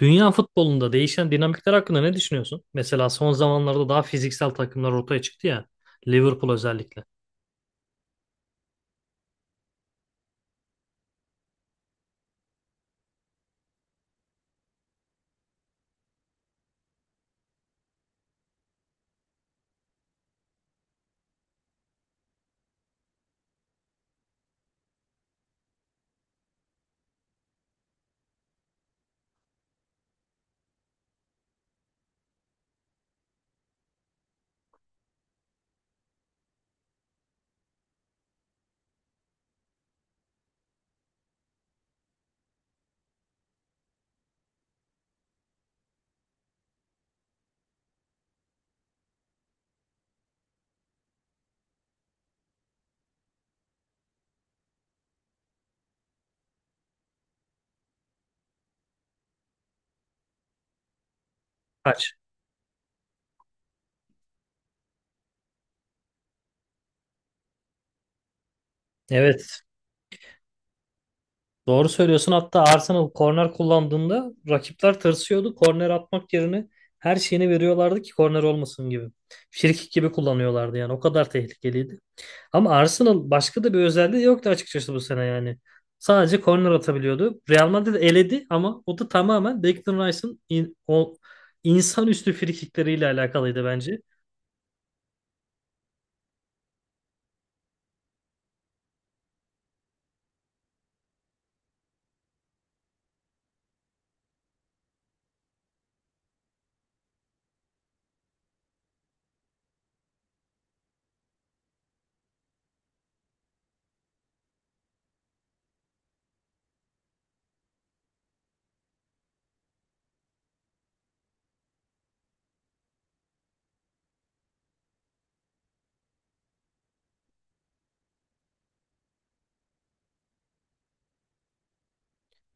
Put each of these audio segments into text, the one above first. Dünya futbolunda değişen dinamikler hakkında ne düşünüyorsun? Mesela son zamanlarda daha fiziksel takımlar ortaya çıktı ya. Liverpool özellikle. Kaç? Evet. Doğru söylüyorsun. Hatta Arsenal korner kullandığında rakipler tırsıyordu. Korner atmak yerine her şeyini veriyorlardı ki korner olmasın gibi. Frikik gibi kullanıyorlardı yani. O kadar tehlikeliydi. Ama Arsenal başka da bir özelliği yoktu açıkçası bu sene yani. Sadece korner atabiliyordu. Real Madrid eledi ama o da tamamen o insanüstü frikikleriyle alakalıydı bence.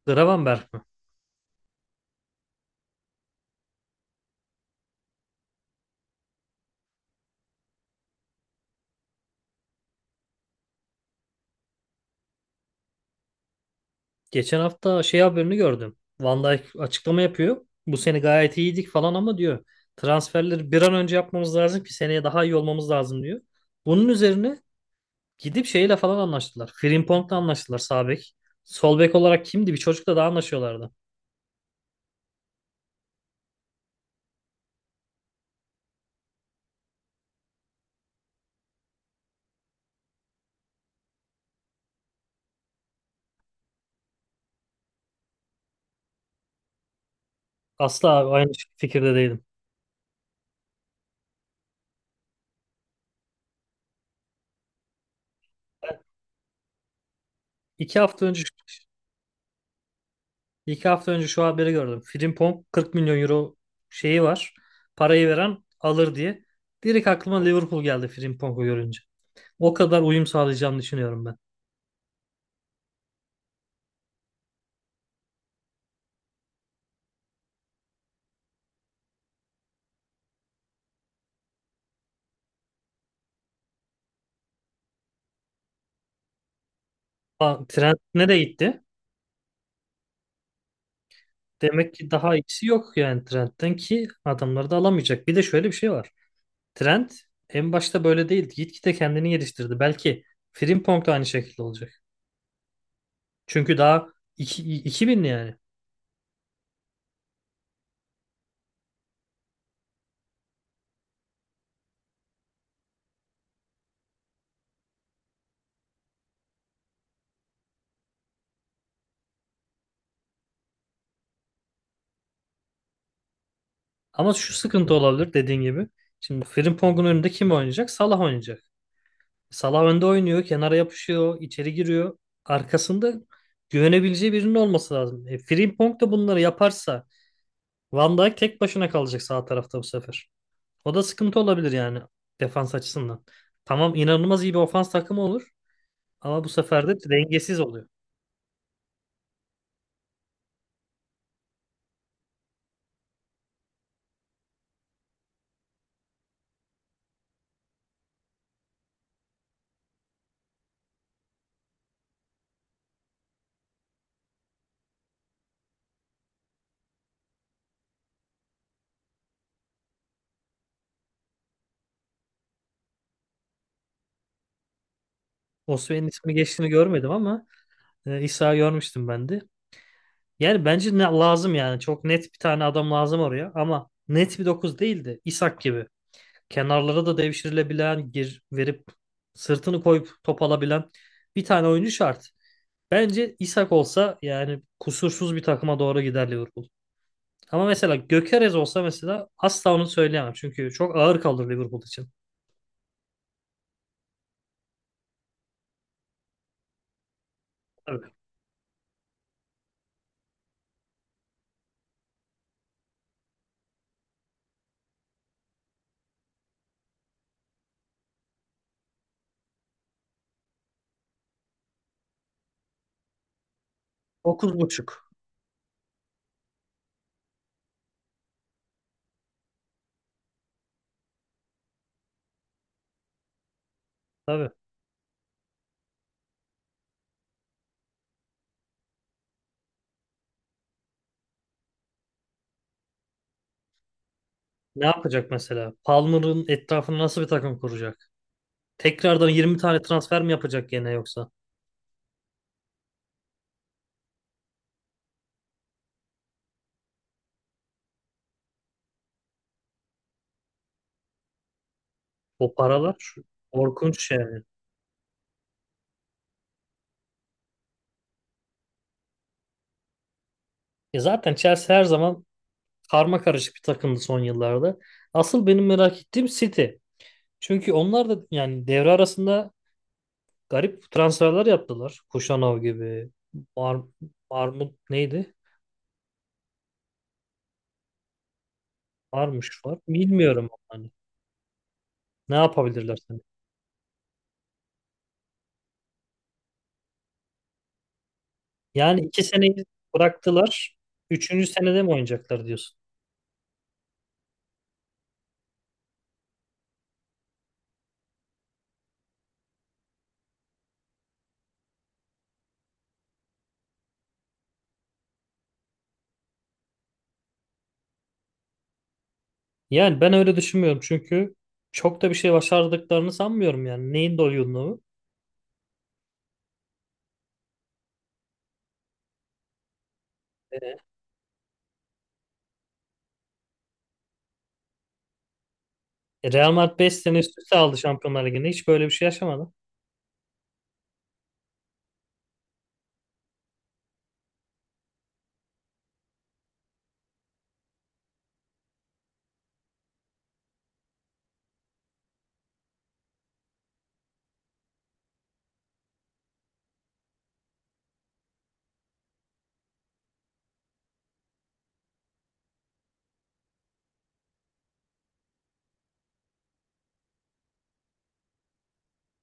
Gravenberg mi? Geçen hafta şey haberini gördüm. Van Dijk açıklama yapıyor. Bu sene gayet iyiydik falan ama diyor. Transferleri bir an önce yapmamız lazım ki seneye daha iyi olmamız lazım diyor. Bunun üzerine gidip şeyle falan anlaştılar. Frimpong'la anlaştılar sağ bek. Sol bek olarak kimdi? Bir çocukla daha anlaşıyorlardı. Asla abi, aynı fikirde değilim. İki hafta önce iki hafta önce şu haberi gördüm. Frimpong 40 milyon euro şeyi var. Parayı veren alır diye. Direkt aklıma Liverpool geldi Frimpong'u görünce. O kadar uyum sağlayacağını düşünüyorum ben. Aa, Trent nereye gitti? Demek ki daha iyisi yok yani Trent'ten ki adamları da alamayacak. Bir de şöyle bir şey var. Trent en başta böyle değildi. Gitgide kendini geliştirdi. Belki Frimpong da aynı şekilde olacak. Çünkü daha iki 2000'li yani. Ama şu sıkıntı olabilir dediğin gibi. Şimdi Frimpong'un önünde kim oynayacak? Salah oynayacak. Salah önde oynuyor, kenara yapışıyor, içeri giriyor. Arkasında güvenebileceği birinin olması lazım. E, Frimpong da bunları yaparsa Van Dijk tek başına kalacak sağ tarafta bu sefer. O da sıkıntı olabilir yani defans açısından. Tamam inanılmaz iyi bir ofans takımı olur ama bu sefer de dengesiz oluyor. Osimhen'in ismi geçtiğini görmedim ama İsa'yı görmüştüm ben de. Yani bence ne lazım yani. Çok net bir tane adam lazım oraya ama net bir 9 değildi. De İshak gibi. Kenarlara da devşirilebilen, gir verip sırtını koyup top alabilen bir tane oyuncu şart. Bence İshak olsa yani kusursuz bir takıma doğru gider Liverpool. Ama mesela Gökeres olsa mesela asla onu söyleyemem. Çünkü çok ağır kalır Liverpool için. Tabii. Dokuz buçuk. Tabii. Ne yapacak mesela? Palmer'ın etrafını nasıl bir takım kuracak? Tekrardan 20 tane transfer mi yapacak gene yoksa? O paralar şu- Korkunç yani. Ya zaten Chelsea her zaman karma karışık bir takımdı son yıllarda. Asıl benim merak ettiğim City. Çünkü onlar da yani devre arasında garip transferler yaptılar. Kuşanov gibi. Ar Armut neydi? Varmış var. Bilmiyorum hani. Ne yapabilirler seni? Yani iki seneyi bıraktılar. Üçüncü senede mi oynayacaklar diyorsun? Yani ben öyle düşünmüyorum çünkü çok da bir şey başardıklarını sanmıyorum yani. Neyin doyumluğu? Real Madrid 5 sene üst üste aldı Şampiyonlar Ligi'nde. Hiç böyle bir şey yaşamadı.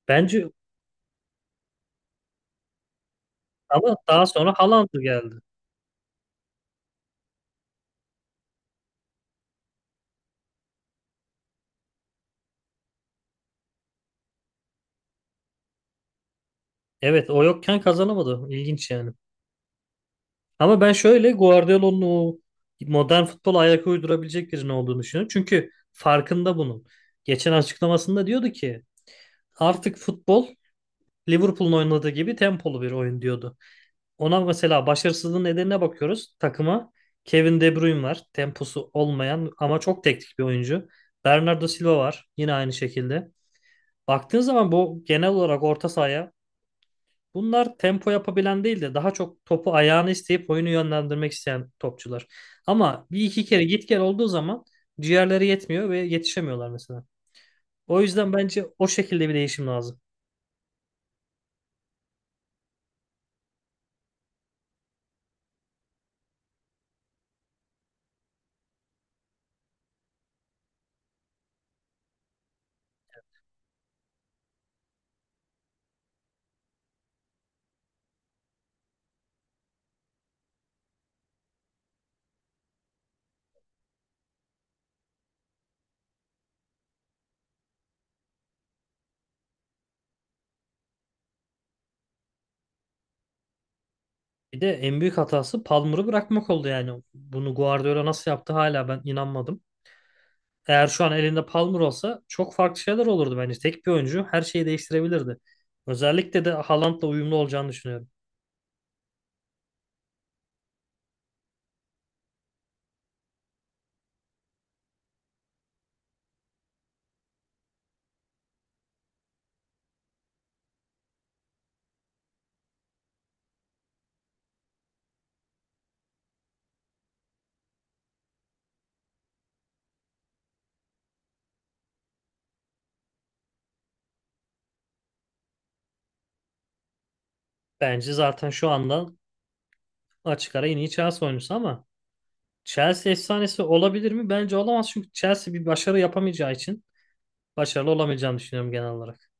Bence ama daha sonra Haaland geldi. Evet o yokken kazanamadı. İlginç yani. Ama ben şöyle Guardiola'nın o modern futbola ayak uydurabilecek birinin olduğunu düşünüyorum. Çünkü farkında bunun. Geçen açıklamasında diyordu ki artık futbol Liverpool'un oynadığı gibi tempolu bir oyun diyordu. Ona mesela başarısızlığın nedenine bakıyoruz. Takıma Kevin De Bruyne var. Temposu olmayan ama çok teknik bir oyuncu. Bernardo Silva var. Yine aynı şekilde. Baktığın zaman bu genel olarak orta sahaya bunlar tempo yapabilen değil de daha çok topu ayağını isteyip oyunu yönlendirmek isteyen topçular. Ama bir iki kere git gel olduğu zaman ciğerleri yetmiyor ve yetişemiyorlar mesela. O yüzden bence o şekilde bir değişim lazım. Bir de en büyük hatası Palmer'ı bırakmak oldu yani. Bunu Guardiola nasıl yaptı hala ben inanmadım. Eğer şu an elinde Palmer olsa çok farklı şeyler olurdu bence. Tek bir oyuncu her şeyi değiştirebilirdi. Özellikle de Haaland'la uyumlu olacağını düşünüyorum. Bence zaten şu anda açık ara en iyi Chelsea oyuncusu ama Chelsea efsanesi olabilir mi? Bence olamaz çünkü Chelsea bir başarı yapamayacağı için başarılı olamayacağını düşünüyorum genel olarak.